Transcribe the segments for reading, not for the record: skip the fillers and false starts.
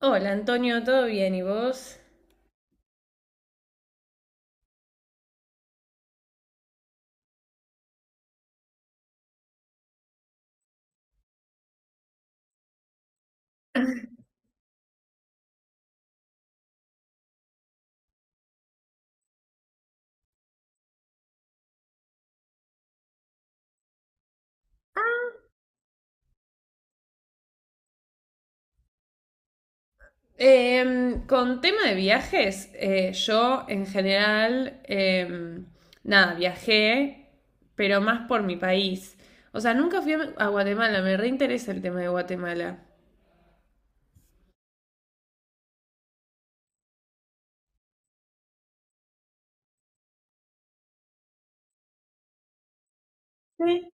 Hola Antonio, ¿todo bien? ¿Y vos? Con tema de viajes, yo en general, nada, viajé, pero más por mi país. O sea, nunca fui a Guatemala, me reinteresa el tema de Guatemala. Sí.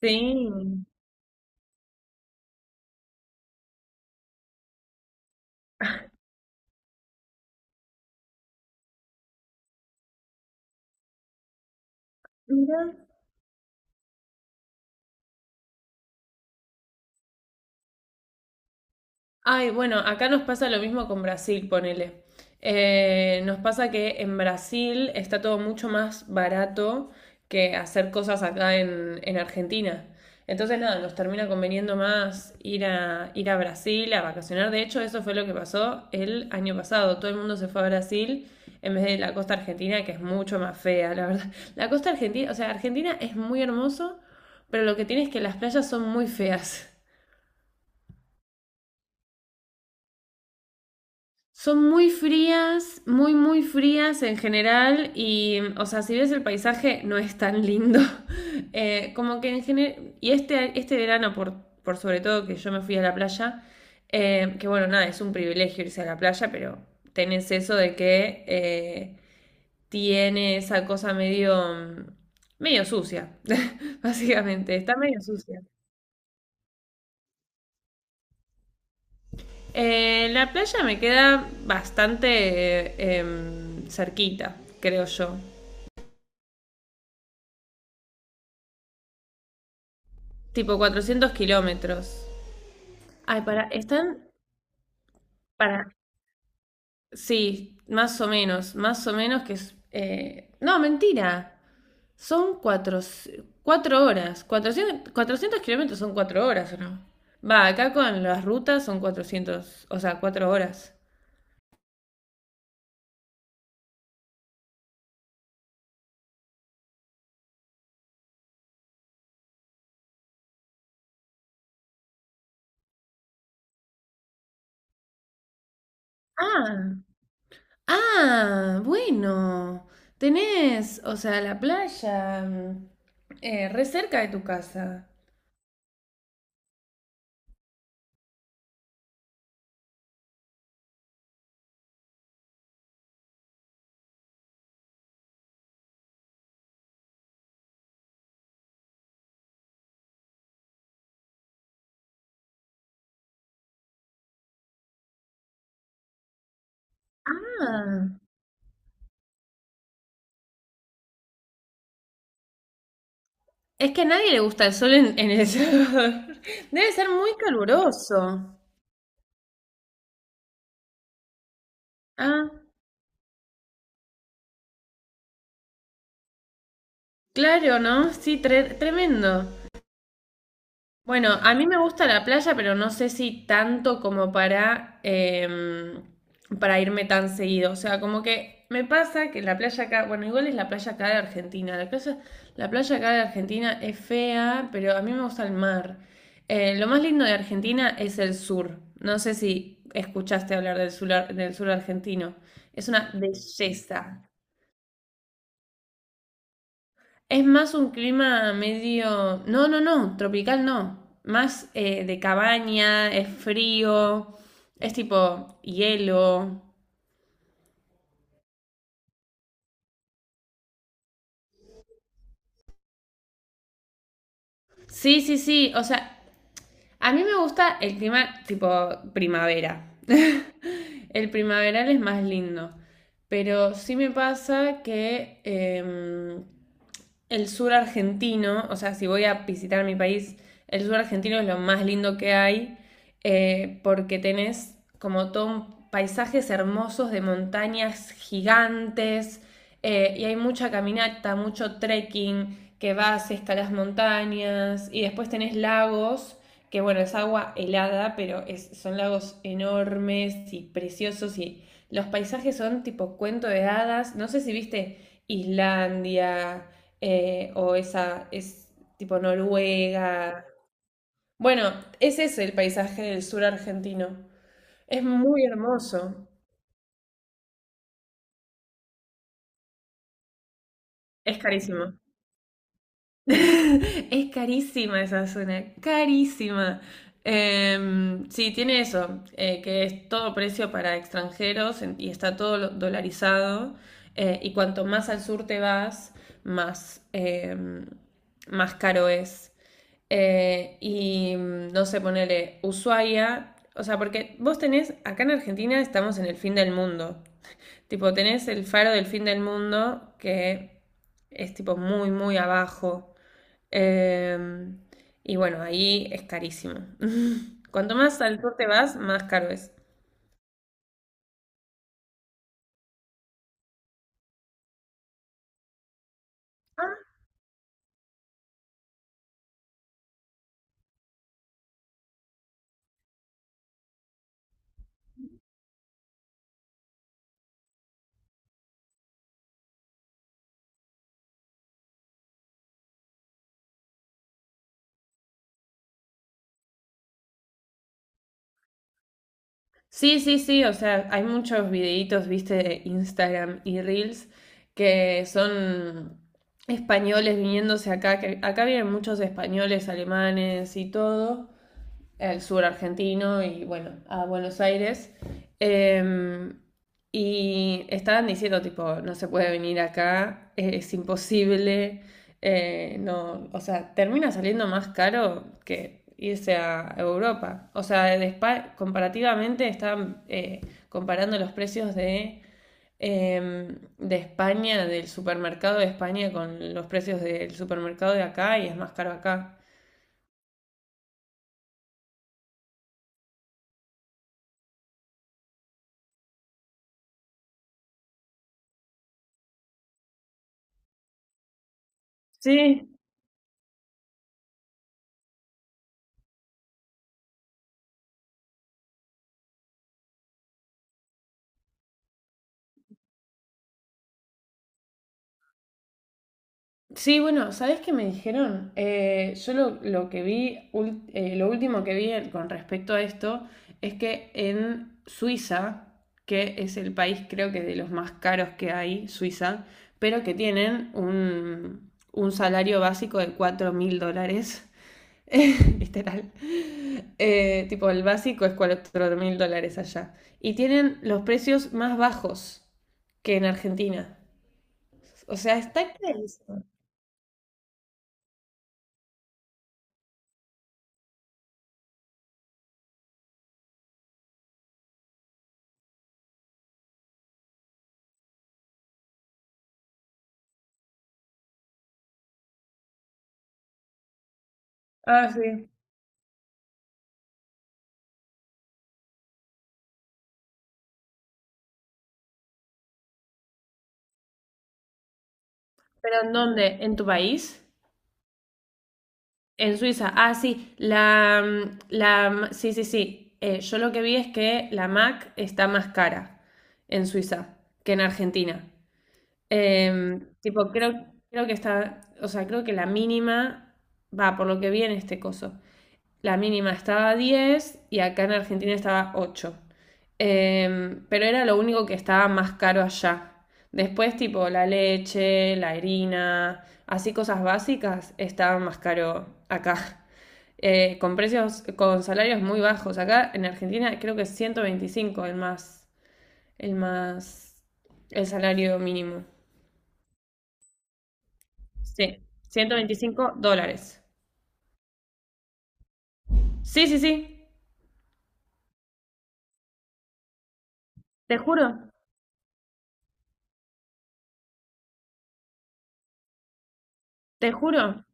Sí. Mira. Ay, bueno, acá nos pasa lo mismo con Brasil, ponele. Nos pasa que en Brasil está todo mucho más barato que hacer cosas acá en Argentina. Entonces, nada, nos termina conveniendo más ir a Brasil a vacacionar. De hecho, eso fue lo que pasó el año pasado. Todo el mundo se fue a Brasil en vez de la costa argentina, que es mucho más fea, la verdad. La costa argentina, o sea, Argentina es muy hermoso, pero lo que tiene es que las playas son muy feas. Son muy frías, muy, muy frías en general y, o sea, si ves el paisaje no es tan lindo. Como que en general, y este verano, por sobre todo que yo me fui a la playa, que bueno, nada, es un privilegio irse a la playa, pero tenés eso de que tiene esa cosa medio, medio sucia, básicamente, está medio sucia. La playa me queda bastante cerquita, creo yo. Tipo 400 kilómetros. Ay, para, sí, más o menos que es, no, mentira, son 4 horas, 400 400 kilómetros son 4 horas, ¿o no? Va, acá con las rutas son 400, o sea, 4 horas. Ah, ah, bueno, tenés, o sea, la playa, mm, re cerca de tu casa. Ah. Es que a nadie le gusta el sol en El Salvador. Debe ser muy caluroso. Ah, claro, ¿no? Sí, tremendo. Bueno, a mí me gusta la playa, pero no sé si tanto como para irme tan seguido. O sea, como que me pasa que la playa acá, bueno, igual es la playa acá de Argentina. La playa acá de Argentina es fea, pero a mí me gusta el mar. Lo más lindo de Argentina es el sur. No sé si escuchaste hablar del sur, del sur argentino. Es una belleza. Es más un clima medio... No, no, no, tropical no. Más de cabaña, es frío, es tipo hielo. Sí, sí, sí. O sea, a mí me gusta el clima tipo primavera. El primaveral es más lindo. Pero sí me pasa que el sur argentino, o sea, si voy a visitar mi país, el sur argentino es lo más lindo que hay, porque tenés como todo paisajes hermosos de montañas gigantes, y hay mucha caminata, mucho trekking, que vas, escalas montañas, y después tenés lagos, que bueno, es agua helada, pero son lagos enormes y preciosos, y los paisajes son tipo cuento de hadas, no sé si viste Islandia, o esa es tipo Noruega. Bueno, ese es el paisaje del sur argentino. Es muy hermoso. Es carísimo. Es carísima esa zona, carísima. Sí, tiene eso, que es todo precio para extranjeros y está todo dolarizado. Y cuanto más al sur te vas, más, más caro es. Y no sé, ponele Ushuaia. O sea, porque vos tenés, acá en Argentina estamos en el fin del mundo. Tipo, tenés el faro del fin del mundo que es tipo muy, muy abajo. Em, y bueno, ahí es carísimo. Cuanto más al sur te vas, más caro es. Ah, sí, sí, sí, o sea, hay muchos videitos, viste, de Instagram y Reels que son españoles viniéndose acá, que acá vienen muchos españoles, alemanes y todo, al sur argentino y bueno, a Buenos Aires. Em, y estaban diciendo, tipo, no se puede venir acá, es imposible, no, o sea, termina saliendo más caro que irse a Europa. O sea, de España comparativamente estaban comparando los precios de España, del supermercado de España con los precios del supermercado de acá y es más caro acá. Sí. Sí, bueno, ¿sabes qué me dijeron? Yo lo que vi, lo último que vi con respecto a esto es que en Suiza, que es el país creo que de los más caros que hay, Suiza, pero que tienen un salario básico de $4.000, literal. Tipo, el básico es $4.000 allá. Y tienen los precios más bajos que en Argentina. O sea, está clarísimo. Ah, sí. ¿Pero en dónde? ¿En tu país? En Suiza. Ah, sí, sí, sí, sí. Yo lo que vi es que la Mac está más cara en Suiza que en Argentina. Tipo, creo que está, o sea, creo que la mínima va por lo que vi en este coso, la mínima estaba a 10 y acá en Argentina estaba ocho. Pero era lo único que estaba más caro allá. Después, tipo, la leche, la harina, así cosas básicas, estaban más caro acá. Con precios, con salarios muy bajos. Acá en Argentina creo que es 125 el más, el salario mínimo. Sí, $125. Sí, sí, sí, te juro, te juro.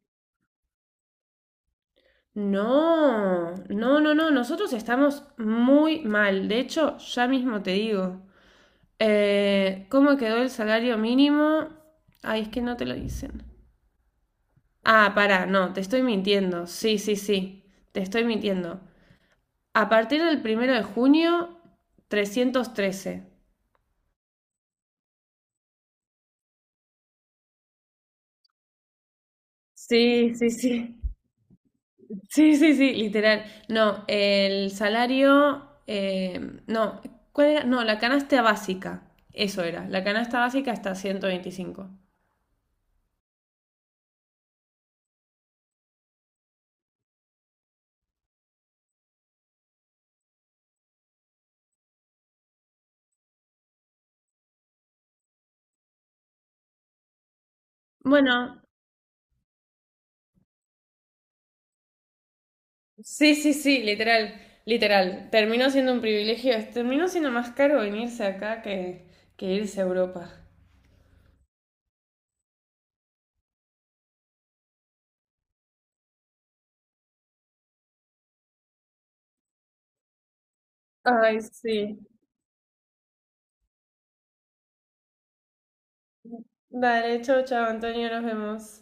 No, no, no, no, nosotros estamos muy mal. De hecho, ya mismo te digo. ¿Cómo quedó el salario mínimo? Ay, es que no te lo dicen. Ah, pará, no, te estoy mintiendo. Sí, sí, sí, te estoy mintiendo. A partir del primero de junio, 313. Sí, sí, sí. Sí, sí, sí, literal. No, el salario, no, ¿cuál era? No, la canasta básica, eso era, la canasta básica hasta 125. Bueno, sí, sí, sí, literal, literal. Terminó siendo un privilegio, terminó siendo más caro venirse acá que irse a Europa. Ay, sí. Dale, chau, chau, Antonio, nos vemos.